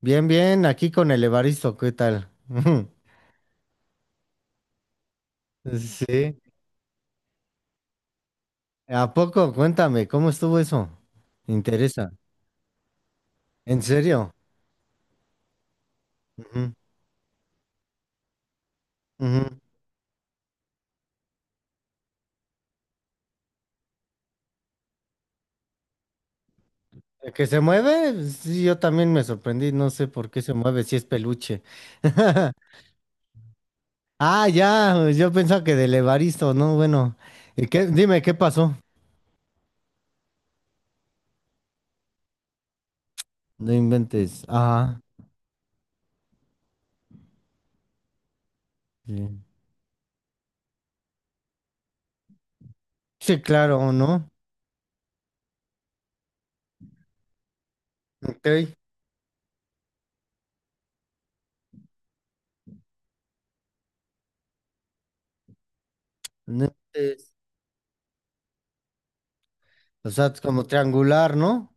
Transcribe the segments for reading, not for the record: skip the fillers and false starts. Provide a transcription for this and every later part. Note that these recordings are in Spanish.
Bien, bien, aquí con el Evaristo, ¿qué tal? Sí. ¿A poco? Cuéntame, ¿cómo estuvo eso? Me interesa. ¿En serio? Ujú, ujú. ¿El ¿Que se mueve? Sí, yo también me sorprendí, no sé por qué se mueve, si es peluche. Ah, ya, yo pensaba que del Evaristo, no, bueno. ¿Y qué? Dime, ¿qué pasó? No inventes. Ah, sí. Sí, claro, ¿no? Ok. No inventes. O sea, es como triangular, ¿no?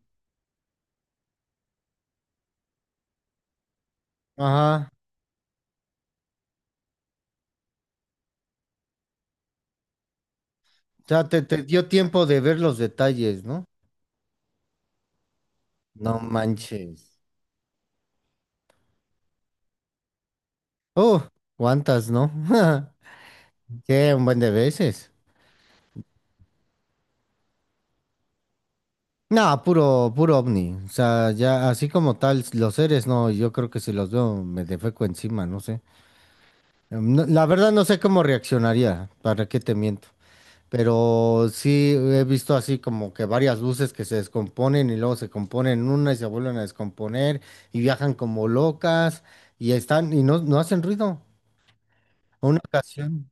Ajá. Ya te dio tiempo de ver los detalles, ¿no? No manches. Oh, ¿cuántas, no? Qué un buen de veces. No, puro, puro ovni. O sea, ya así como tal, los seres, no, yo creo que si los veo me defeco encima, no sé. La verdad no sé cómo reaccionaría, para qué te miento. Pero sí he visto así como que varias luces que se descomponen y luego se componen en una y se vuelven a descomponer y viajan como locas y están y no, no hacen ruido. Una ocasión.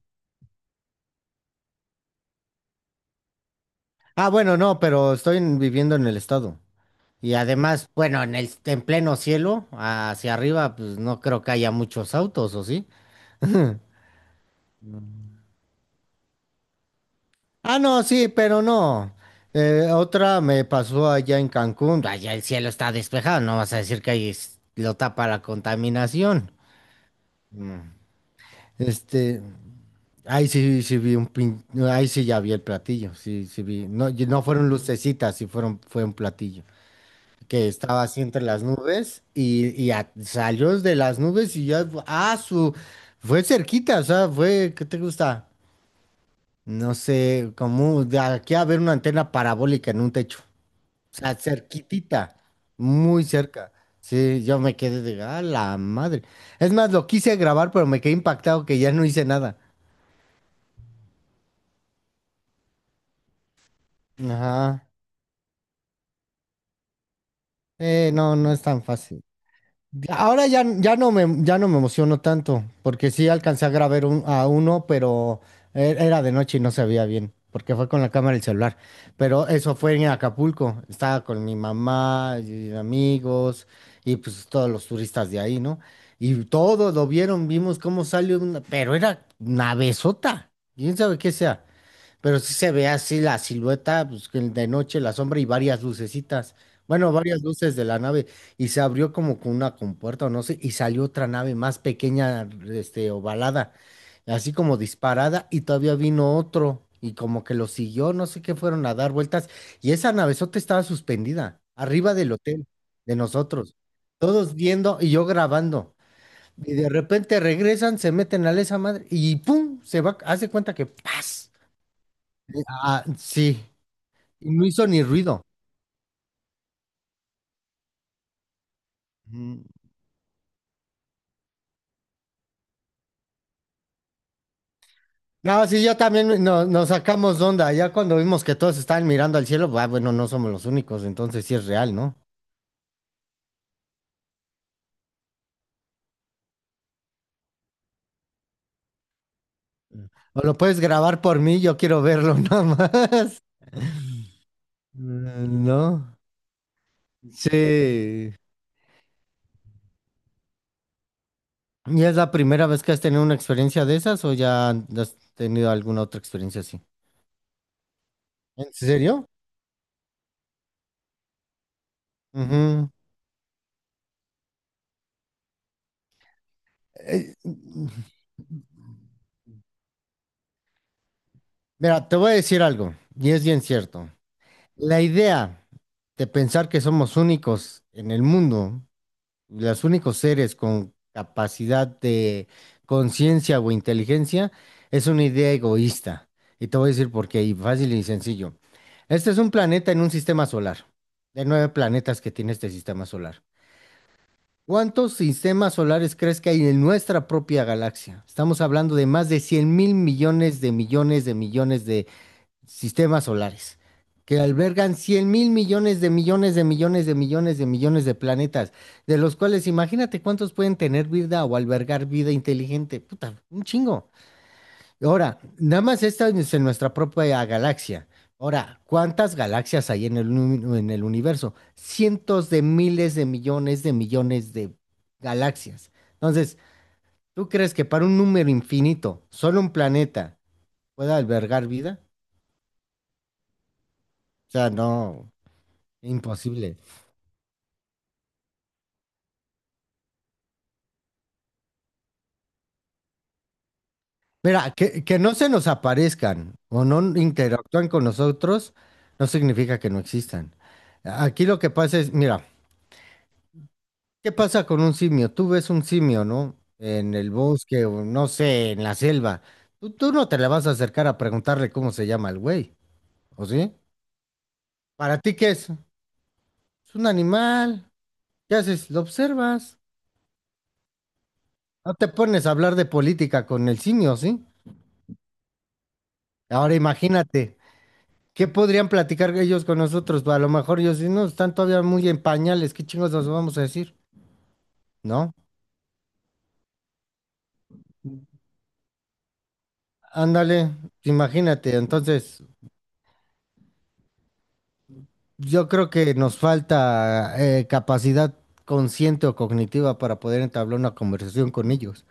Ah, bueno, no, pero estoy viviendo en el estado. Y además, bueno, en pleno cielo, hacia arriba, pues no creo que haya muchos autos, ¿o sí? Ah, no, sí, pero no. Otra me pasó allá en Cancún. Allá el cielo está despejado, no vas a decir que ahí lo tapa la contaminación. Mm. Este, ahí sí, sí vi ahí sí ya vi el platillo, sí, sí vi. No, y no fueron lucecitas, sí fueron, fue un platillo, que estaba así entre las nubes y salió de las nubes y ya, fue cerquita. O sea, fue, ¿qué te gusta? No sé, como de aquí a ver una antena parabólica en un techo, o sea, cerquitita, muy cerca. Sí, yo me quedé de, ah, la madre. Es más, lo quise grabar, pero me quedé impactado que ya no hice nada. Ajá. No, no es tan fácil. Ahora ya, ya no me emociono tanto, porque sí alcancé a grabar a uno, pero era de noche y no se veía bien, porque fue con la cámara y el celular. Pero eso fue en Acapulco, estaba con mi mamá y amigos y pues todos los turistas de ahí, ¿no? Y todos lo vieron, vimos cómo salió una, pero era una besota, quién sabe qué sea. Pero sí se ve así la silueta, pues que de noche la sombra y varias lucecitas. Bueno, varias luces de la nave. Y se abrió como con una compuerta o no sé. Y salió otra nave más pequeña, este, ovalada. Así como disparada. Y todavía vino otro. Y como que lo siguió, no sé qué fueron a dar vueltas. Y esa navezota estaba suspendida, arriba del hotel, de nosotros. Todos viendo y yo grabando. Y de repente regresan, se meten a la esa madre. Y ¡pum! Se va, hace cuenta que ¡paz! Ah, sí, y no hizo ni ruido. Mm. No, sí, yo también nos sacamos de onda. Ya cuando vimos que todos estaban mirando al cielo, ah, bueno, no somos los únicos, entonces sí es real, ¿no? O lo puedes grabar por mí, yo quiero verlo nada más. Mm, ¿no? Sí. ¿Y es la primera vez que has tenido una experiencia de esas o ya has tenido alguna otra experiencia así? ¿En serio? Ujú. Eh, Mira, te voy a decir algo, y es bien cierto. La idea de pensar que somos únicos en el mundo, los únicos seres con capacidad de conciencia o inteligencia, es una idea egoísta. Y te voy a decir por qué, y fácil y sencillo. Este es un planeta en un sistema solar, de nueve planetas que tiene este sistema solar. ¿Cuántos sistemas solares crees que hay en nuestra propia galaxia? Estamos hablando de más de 100 mil millones de millones de millones de sistemas solares, que albergan 100 mil millones de millones de millones de millones de millones de planetas, de los cuales imagínate cuántos pueden tener vida o albergar vida inteligente. Puta, un chingo. Y ahora, nada más esta es en nuestra propia galaxia. Ahora, ¿cuántas galaxias hay en el universo? Cientos de miles de millones de millones de galaxias. Entonces, ¿tú crees que para un número infinito, solo un planeta pueda albergar vida? O sea, no. Imposible. Mira, que no se nos aparezcan o no interactúan con nosotros no significa que no existan. Aquí lo que pasa es, mira, ¿qué pasa con un simio? Tú ves un simio, ¿no? En el bosque o no sé, en la selva. Tú no te le vas a acercar a preguntarle cómo se llama el güey, ¿o sí? ¿Para ti qué es? Es un animal. ¿Qué haces? Lo observas. No te pones a hablar de política con el simio, ¿sí? Ahora imagínate. ¿Qué podrían platicar ellos con nosotros? A lo mejor ellos si no, están todavía muy en pañales, ¿qué chingos nos vamos a decir? ¿No? Ándale, imagínate. Entonces, yo creo que nos falta capacidad consciente o cognitiva para poder entablar una conversación con ellos.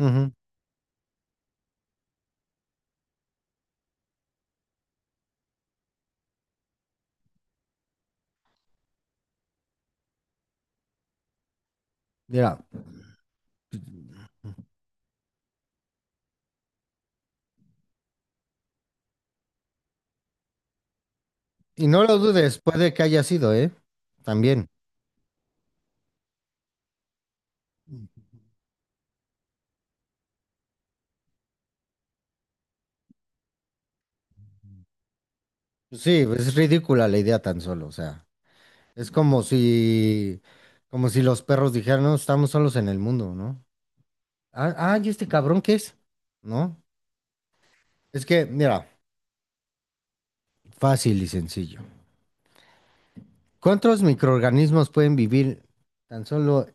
Ujú. Mira, y no lo dudes, puede que haya sido, ¿eh? También. Sí, pues, es ridícula la idea tan solo, o sea, es como si los perros dijeran, no, estamos solos en el mundo, ¿no? Ah, ah, ¿y este cabrón qué es? ¿No? Es que, mira, fácil y sencillo. ¿Cuántos microorganismos pueden vivir tan solo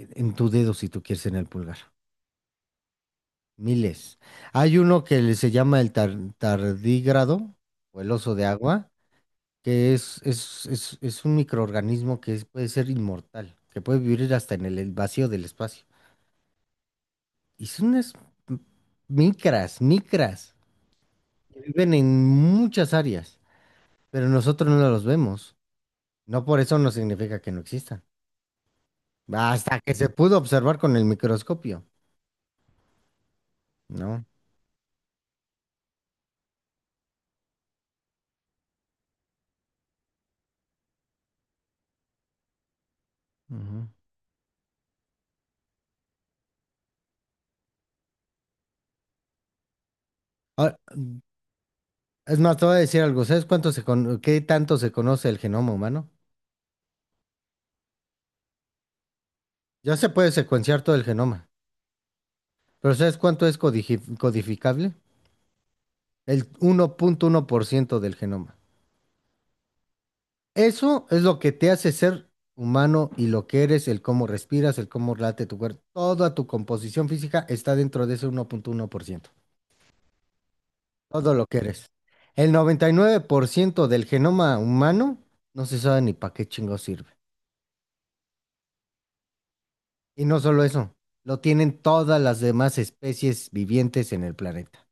en tu dedo si tú quieres en el pulgar? Miles. Hay uno que le se llama el tardígrado o el oso de agua, que es un microorganismo que puede ser inmortal, que puede vivir hasta en el vacío del espacio. Y son unas m- micras, que viven en muchas áreas, pero nosotros no los vemos. No por eso no significa que no existan. Hasta que se pudo observar con el microscopio, ¿no? Ujú. Ah, es más, te voy a decir algo. ¿Sabes qué tanto se conoce el genoma humano? Ya se puede secuenciar todo el genoma, pero ¿sabes cuánto es codificable? El uno punto uno por ciento del genoma. Eso es lo que te hace ser humano y lo que eres, el cómo respiras, el cómo late tu cuerpo. Toda tu composición física está dentro de ese uno punto uno por ciento. Todo lo que eres. El 99% del genoma humano no se sabe ni para qué chingo sirve. Y no solo eso, lo tienen todas las demás especies vivientes en el planeta.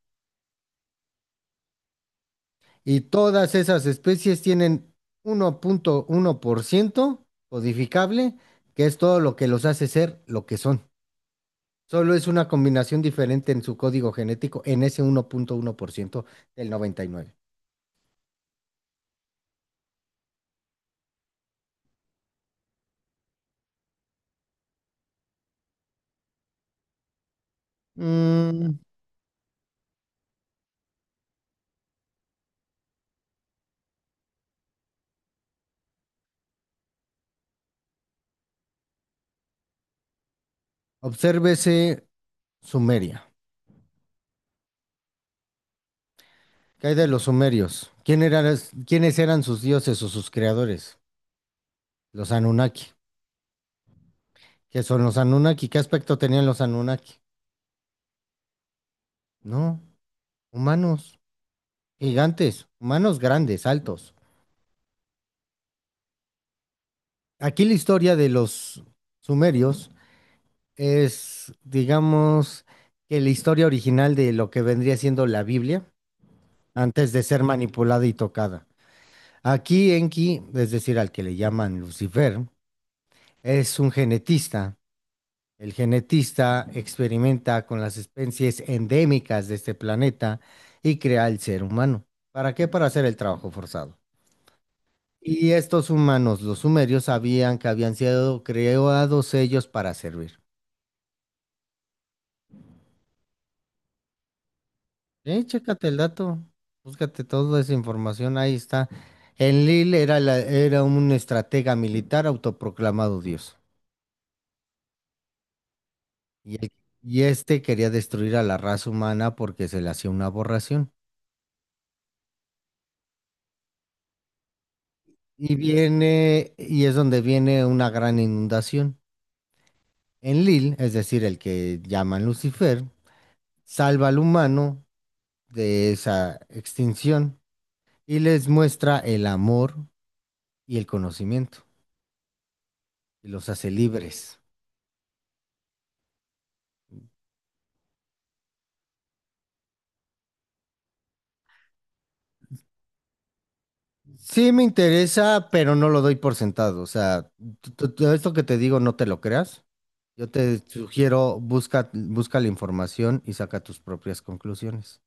Y todas esas especies tienen uno punto uno por ciento codificable, que es todo lo que los hace ser lo que son. Solo es una combinación diferente en su código genético en ese uno punto uno por ciento del 99%. Mm, Obsérvese Sumeria. ¿Qué hay de los sumerios? ¿Quiénes eran sus dioses o sus creadores? Los Anunnaki. ¿Qué son los Anunnaki? ¿Qué aspecto tenían los Anunnaki? No, humanos, gigantes, humanos grandes, altos. Aquí la historia de los sumerios es, digamos, que la historia original de lo que vendría siendo la Biblia antes de ser manipulada y tocada. Aquí Enki, es decir, al que le llaman Lucifer, es un genetista. El genetista experimenta con las especies endémicas de este planeta y crea el ser humano. ¿Para qué? Para hacer el trabajo forzado. Y estos humanos, los sumerios, sabían que habían sido creados ellos para servir. Chécate el dato, búscate toda esa información, ahí está. Enlil era un estratega militar autoproclamado dios. Y, el- y este quería destruir a la raza humana porque se le hacía una aberración. Y viene, y es donde viene una gran inundación. En Lil, es decir, el que llaman Lucifer, salva al humano de esa extinción y les muestra el amor y el conocimiento y los hace libres. Sí me interesa, pero no lo doy por sentado. O sea, todo esto que te digo no te lo creas. Yo te sugiero, busca, busca la información y saca tus propias conclusiones.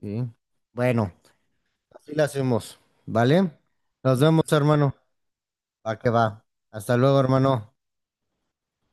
¿Sí? Bueno. Así la hacemos, ¿vale? Nos vemos, hermano. Va que va. Hasta luego, hermano.